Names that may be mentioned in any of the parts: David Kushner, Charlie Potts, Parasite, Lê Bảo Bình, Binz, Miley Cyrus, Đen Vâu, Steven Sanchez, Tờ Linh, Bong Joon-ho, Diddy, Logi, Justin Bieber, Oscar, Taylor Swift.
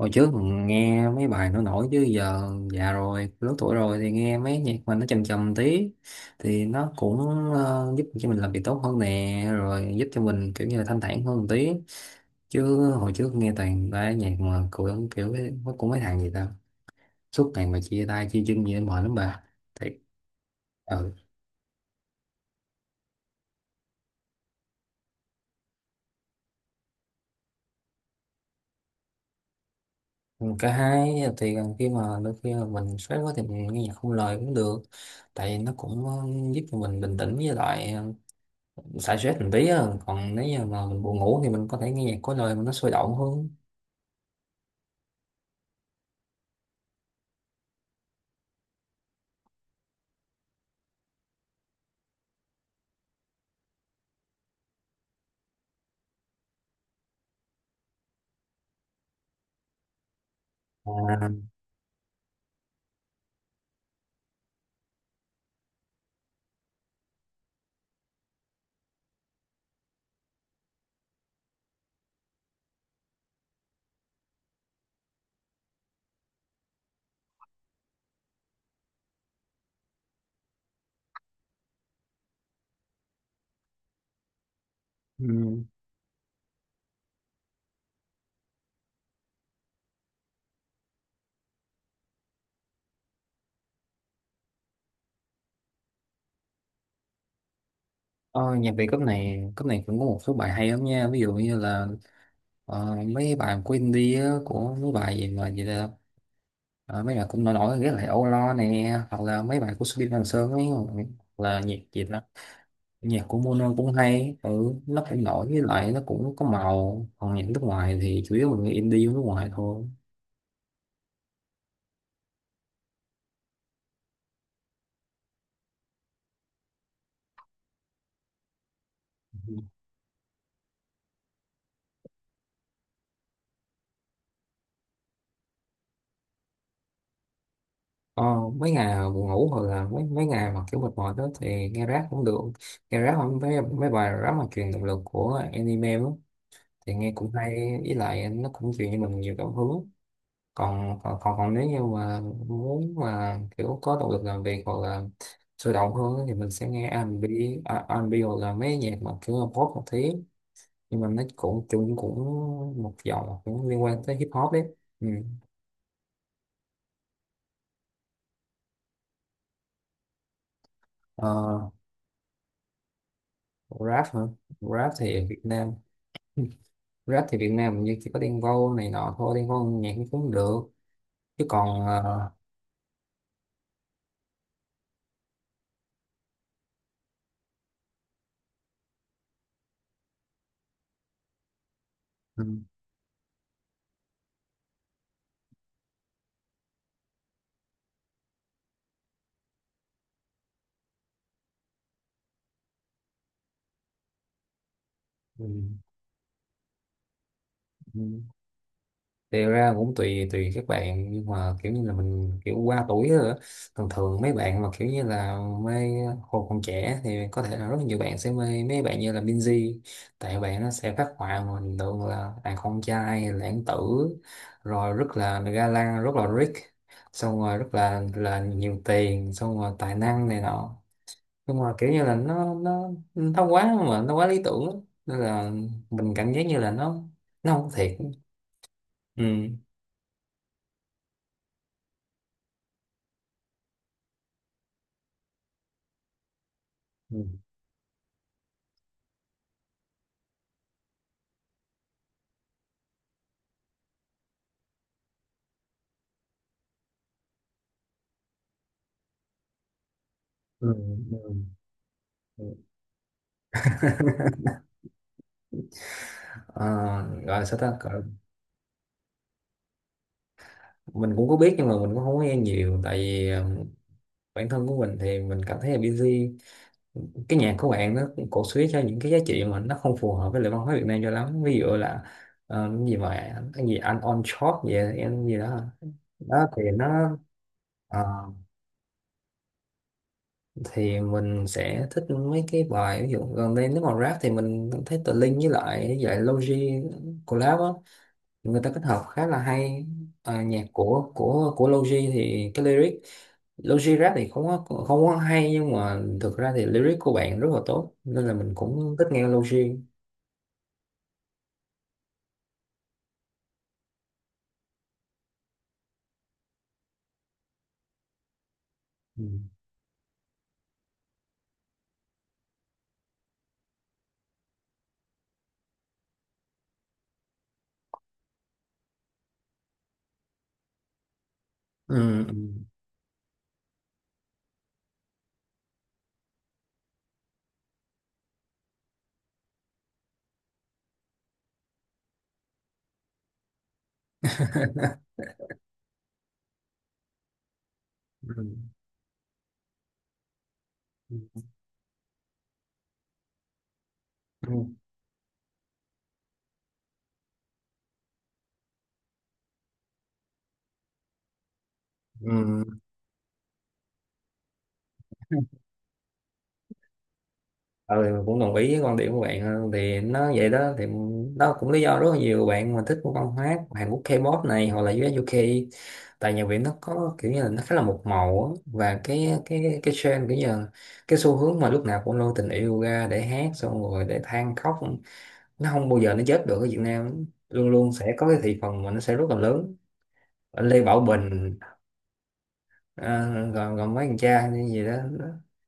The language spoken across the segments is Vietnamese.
Hồi trước mình nghe mấy bài nó nổi chứ giờ già rồi, lớn tuổi rồi thì nghe mấy nhạc mà nó trầm trầm tí thì nó cũng giúp cho mình làm việc tốt hơn nè, rồi giúp cho mình kiểu như là thanh thản hơn một tí. Chứ hồi trước nghe toàn ba nhạc mà kiểu kiểu cái- nó cũng mấy thằng gì ta, suốt ngày mà chia tay chia chân gì đó mệt lắm bà. Thiệt. Ừ. Cả hai, thì khi mà đôi khi mà mình stress quá thì mình nghe nhạc không lời cũng được, tại vì nó cũng giúp cho mình bình tĩnh với lại xả stress một tí á, còn nếu như mà mình buồn ngủ thì mình có thể nghe nhạc có lời mà nó sôi động hơn. À, ừ. Ờ, Nhạc Việt cấp này cũng có một số bài hay lắm nha, ví dụ như là mấy bài của indie á, của mấy bài gì mà gì là mấy bài cũng nổi nổi rất là Âu Lo nè, hoặc là mấy bài của Subin Hoàng Sơn ấy, hoặc là nhạc gì đó. Nhạc của Mono cũng hay, ừ, nó cũng nổi với lại nó cũng có màu. Còn nhạc nước ngoài thì chủ yếu mình nghe indie của nước ngoài thôi. Ờ, mấy ngày buồn ngủ hoặc là mấy mấy ngày mà kiểu mệt mỏi đó thì nghe rap cũng được, nghe rap không, mấy mấy bài rap mà truyền động lực của anime đó, thì nghe cũng hay, với lại nó cũng truyền cho mình nhiều cảm hứng. Còn nếu như mà muốn mà kiểu có động lực làm việc hoặc là sôi động hơn á, thì mình sẽ nghe R&B. À, R&B hoặc là mấy nhạc mà kiểu là pop một tí, nhưng mà nó cũng chung cũng một dòng cũng liên quan tới hip hop đấy. Ừ. Ờ, rap hả? Rap thì ở Việt Nam rap thì Việt Nam hình như chỉ có Đen Vâu này nọ thôi. Đen Vâu nhạc cũng cũng được, chứ còn ừ, ừ, ừ. Thì ra cũng tùy tùy các bạn, nhưng mà kiểu như là mình kiểu qua tuổi rồi á. Thường thường mấy bạn mà kiểu như là mê, hồi còn trẻ thì có thể là rất nhiều bạn sẽ mê mấy bạn như là Binz, tại bạn nó sẽ phát họa mà hình tượng là đàn con trai lãng tử, rồi rất là ga lăng, rất là rich, xong rồi rất là nhiều tiền, xong rồi tài năng này nọ, nhưng mà kiểu như là nó quá, mà nó quá lý tưởng á. Nên là mình cảm giác như là nó không có thiệt. Ừ. Ừ. Ừ. Ừ. Ừ. Ờ, gọi là sao ta? Gọi- là mình cũng có biết nhưng mà mình cũng không có nghe nhiều, tại vì bản thân của mình thì mình cảm thấy là busy, cái nhạc của bạn nó cũng cổ suý cho những cái giá trị mà nó không phù hợp với lại văn hóa Việt Nam cho lắm, ví dụ là cái gì mà cái gì anh on short vậy em gì đó. Đó thì nó ờ, thì mình sẽ thích mấy cái bài, ví dụ gần đây nếu mà rap thì mình thấy Tờ Linh với lại dạy lại Logi collab á, người ta kết hợp khá là hay. À, nhạc của Logi thì cái lyric Logi rap thì không có, không có hay, nhưng mà thực ra thì lyric của bạn rất là tốt, nên là mình cũng thích nghe Logi. Ừ. Ừ. Ừ. Ừ. Ừ. Ừ, cũng đồng ý với quan điểm của bạn hơn, thì nó vậy đó, thì đó cũng lý do rất là nhiều bạn mà thích văn hóa Hàn Quốc K-pop này hoặc là US UK, tại nhạc Việt nó có kiểu như là nó khá là một màu á, và cái trend kiểu như là, cái xu hướng mà lúc nào cũng lôi tình yêu ra để hát xong rồi để than khóc, nó không bao giờ nó chết được ở Việt Nam, luôn luôn sẽ có cái thị phần mà nó sẽ rất là lớn. Anh Lê Bảo Bình, à, rồi, rồi mấy thằng cha như gì đó, đó,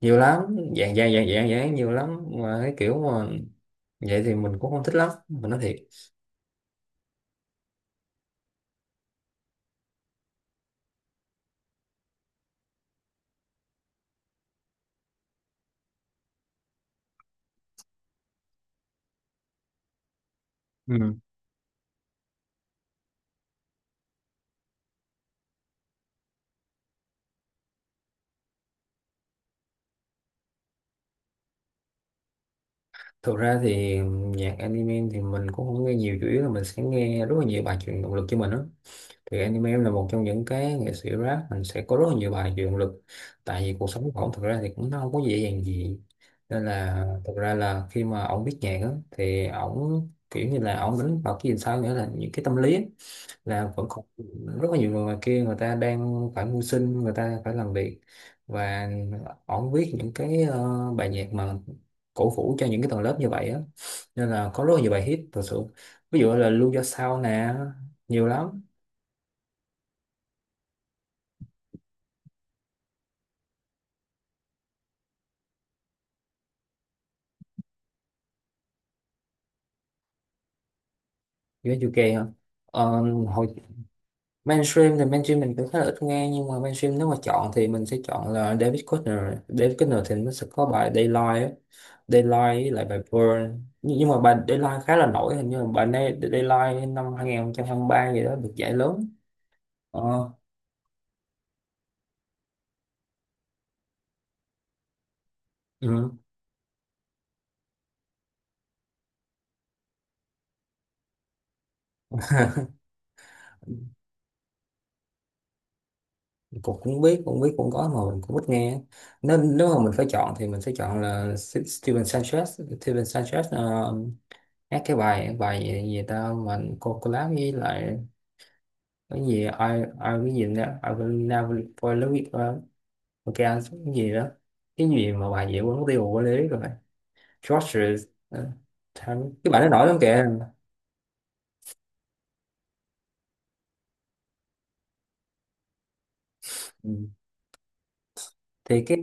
nhiều lắm, dạng dạng dạng dạng dạng, nhiều lắm mà cái kiểu mà, vậy thì mình cũng không thích lắm, mình nói thiệt. Ừ. Thực ra thì nhạc anime thì mình cũng không nghe nhiều, chủ yếu là mình sẽ nghe rất là nhiều bài truyền động lực cho mình đó. Thì anime là một trong những cái nghệ sĩ rap, mình sẽ có rất là nhiều bài về động lực, tại vì cuộc sống của ổng thực ra thì cũng nó không có dễ dàng gì, nên là thực ra là khi mà ổng viết nhạc á, thì ổng kiểu như là ổng đánh vào cái gì sao, nghĩa là những cái tâm lý á, là vẫn còn rất là nhiều người ngoài kia người ta đang phải mưu sinh, người ta phải làm việc, và ổng viết những cái bài nhạc mà cổ vũ cho những cái tầng lớp như vậy á, nên là có rất là nhiều bài hit thật sự, ví dụ là Lưu Do Sao nè, nhiều lắm. US UK hả? Ờ, hồi mainstream thì mainstream mình cũng khá là ít nghe, nhưng mà mainstream nếu mà chọn thì mình sẽ chọn là David Kushner. David Kushner thì nó sẽ có bài Daylight á. Daylight với lại bài Burn, nhưng mà bài Daylight khá là nổi, hình như là bài này Daylight năm 2023 gì đó được giải lớn. ờ, ừ. Cũng cũng biết, cũng biết cũng có, mà mình cũng ít nghe, nên nếu mà mình phải chọn thì mình sẽ chọn là Steven Sanchez. Steven Sanchez hát cái bài bài gì, gì ta, mà cô collab với lại cái gì, à? Ai ai cái gì nữa, ai will never fall in love with her, ok anh xuống cái gì đó, cái gì mà bà diễn quên mất tiêu của lý rồi. George, ờ, cái bạn nó nổi lắm kìa. Ừ. Thì cái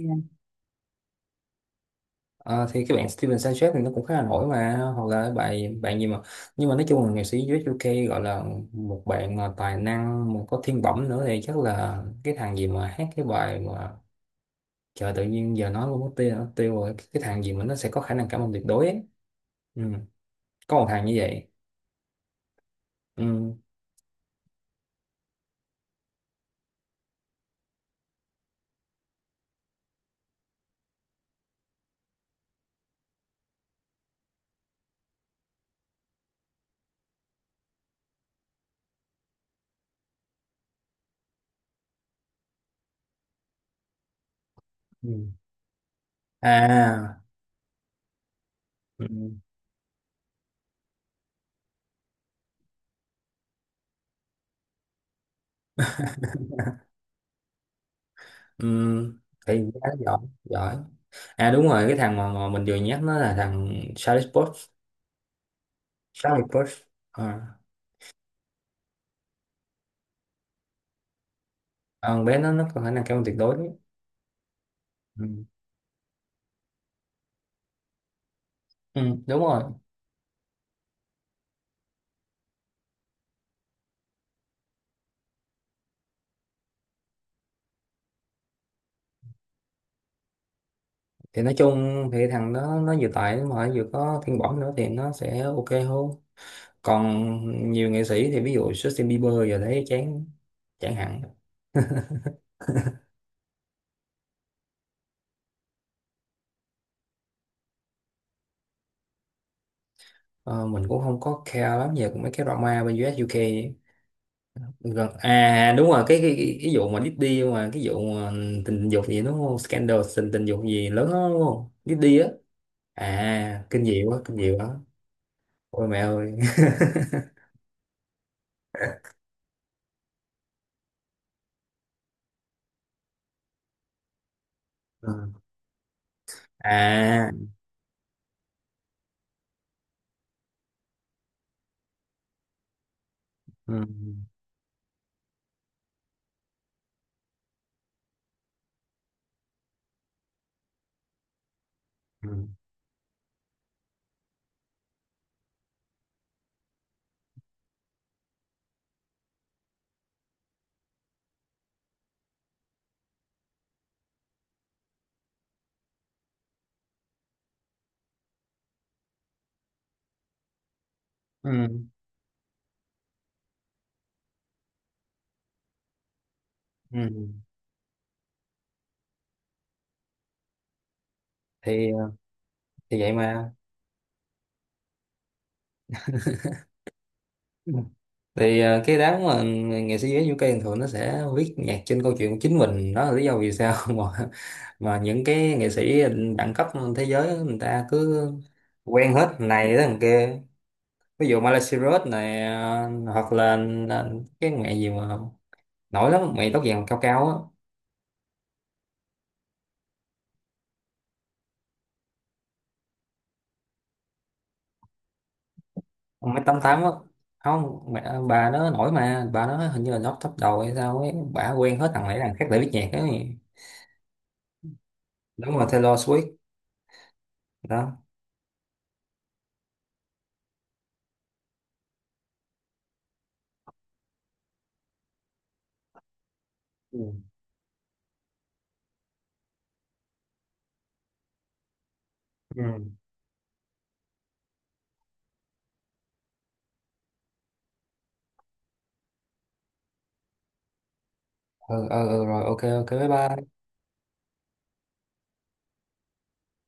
ờ, thì cái bạn Steven Sanchez thì nó cũng khá là nổi, mà hoặc là bài bạn gì mà, nhưng mà nói chung là nghệ sĩ US UK gọi là một bạn mà tài năng, một có thiên bẩm nữa thì chắc là cái thằng gì mà hát cái bài mà, trời tự nhiên giờ nói luôn mất tiêu rồi, cái thằng gì mà nó sẽ có khả năng cảm ơn tuyệt đối ấy. Ừ. Có một thằng như vậy. Ừ. Ừ. À, ừ. Ừ. Thì nó giỏi, giỏi. À đúng rồi, cái thằng mà mình vừa nhắc, nó là thằng Charlie Potts. Charlie Potts. À. À, con bé nó có khả năng cao hơn tuyệt đối đấy. Ừ. Ừ. Đúng rồi. Thì nói chung thì thằng đó nó vừa tài mà vừa có thiên bẩm nữa thì nó sẽ ok hơn. Còn nhiều nghệ sĩ thì ví dụ Justin Bieber giờ thấy chán, chẳng hạn. Ờ, mình cũng không có care lắm về mấy cái drama bên u ét u UK. Vâng. À đúng rồi, cái vụ mà Diddy, mà cái vụ mà tình dục gì, đúng không? Scandal tình tình dục gì lớn đó, đúng không? Diddy á, à, kinh dị quá, kinh dị quá. Ôi mẹ ơi. Ừ. À. Ừ. Ừ. Ừ. Ừ. Thì thì vậy mà. Ừ. Thì cái đám mà nghệ sĩ giới UK thường thường nó sẽ viết nhạc trên câu chuyện của chính mình. Đó là lý do vì sao mà những cái nghệ sĩ đẳng cấp thế giới người ta cứ quen hết thằng này tới thằng kia. Ví dụ Miley Cyrus này, hoặc là cái mẹ gì mà nổi lắm, mẹ tóc vàng cao cao á, ông mấy tám tám á, không, mẹ bà nó nổi, mà bà nó hình như là top top đầu hay sao ấy, bà quen hết thằng này thằng khác để biết nhạc ấy. Đúng rồi, Taylor Swift. Đó. Ừ. Ừ, ừ, ừ, ừ, rồi, ok, ok, bye bye.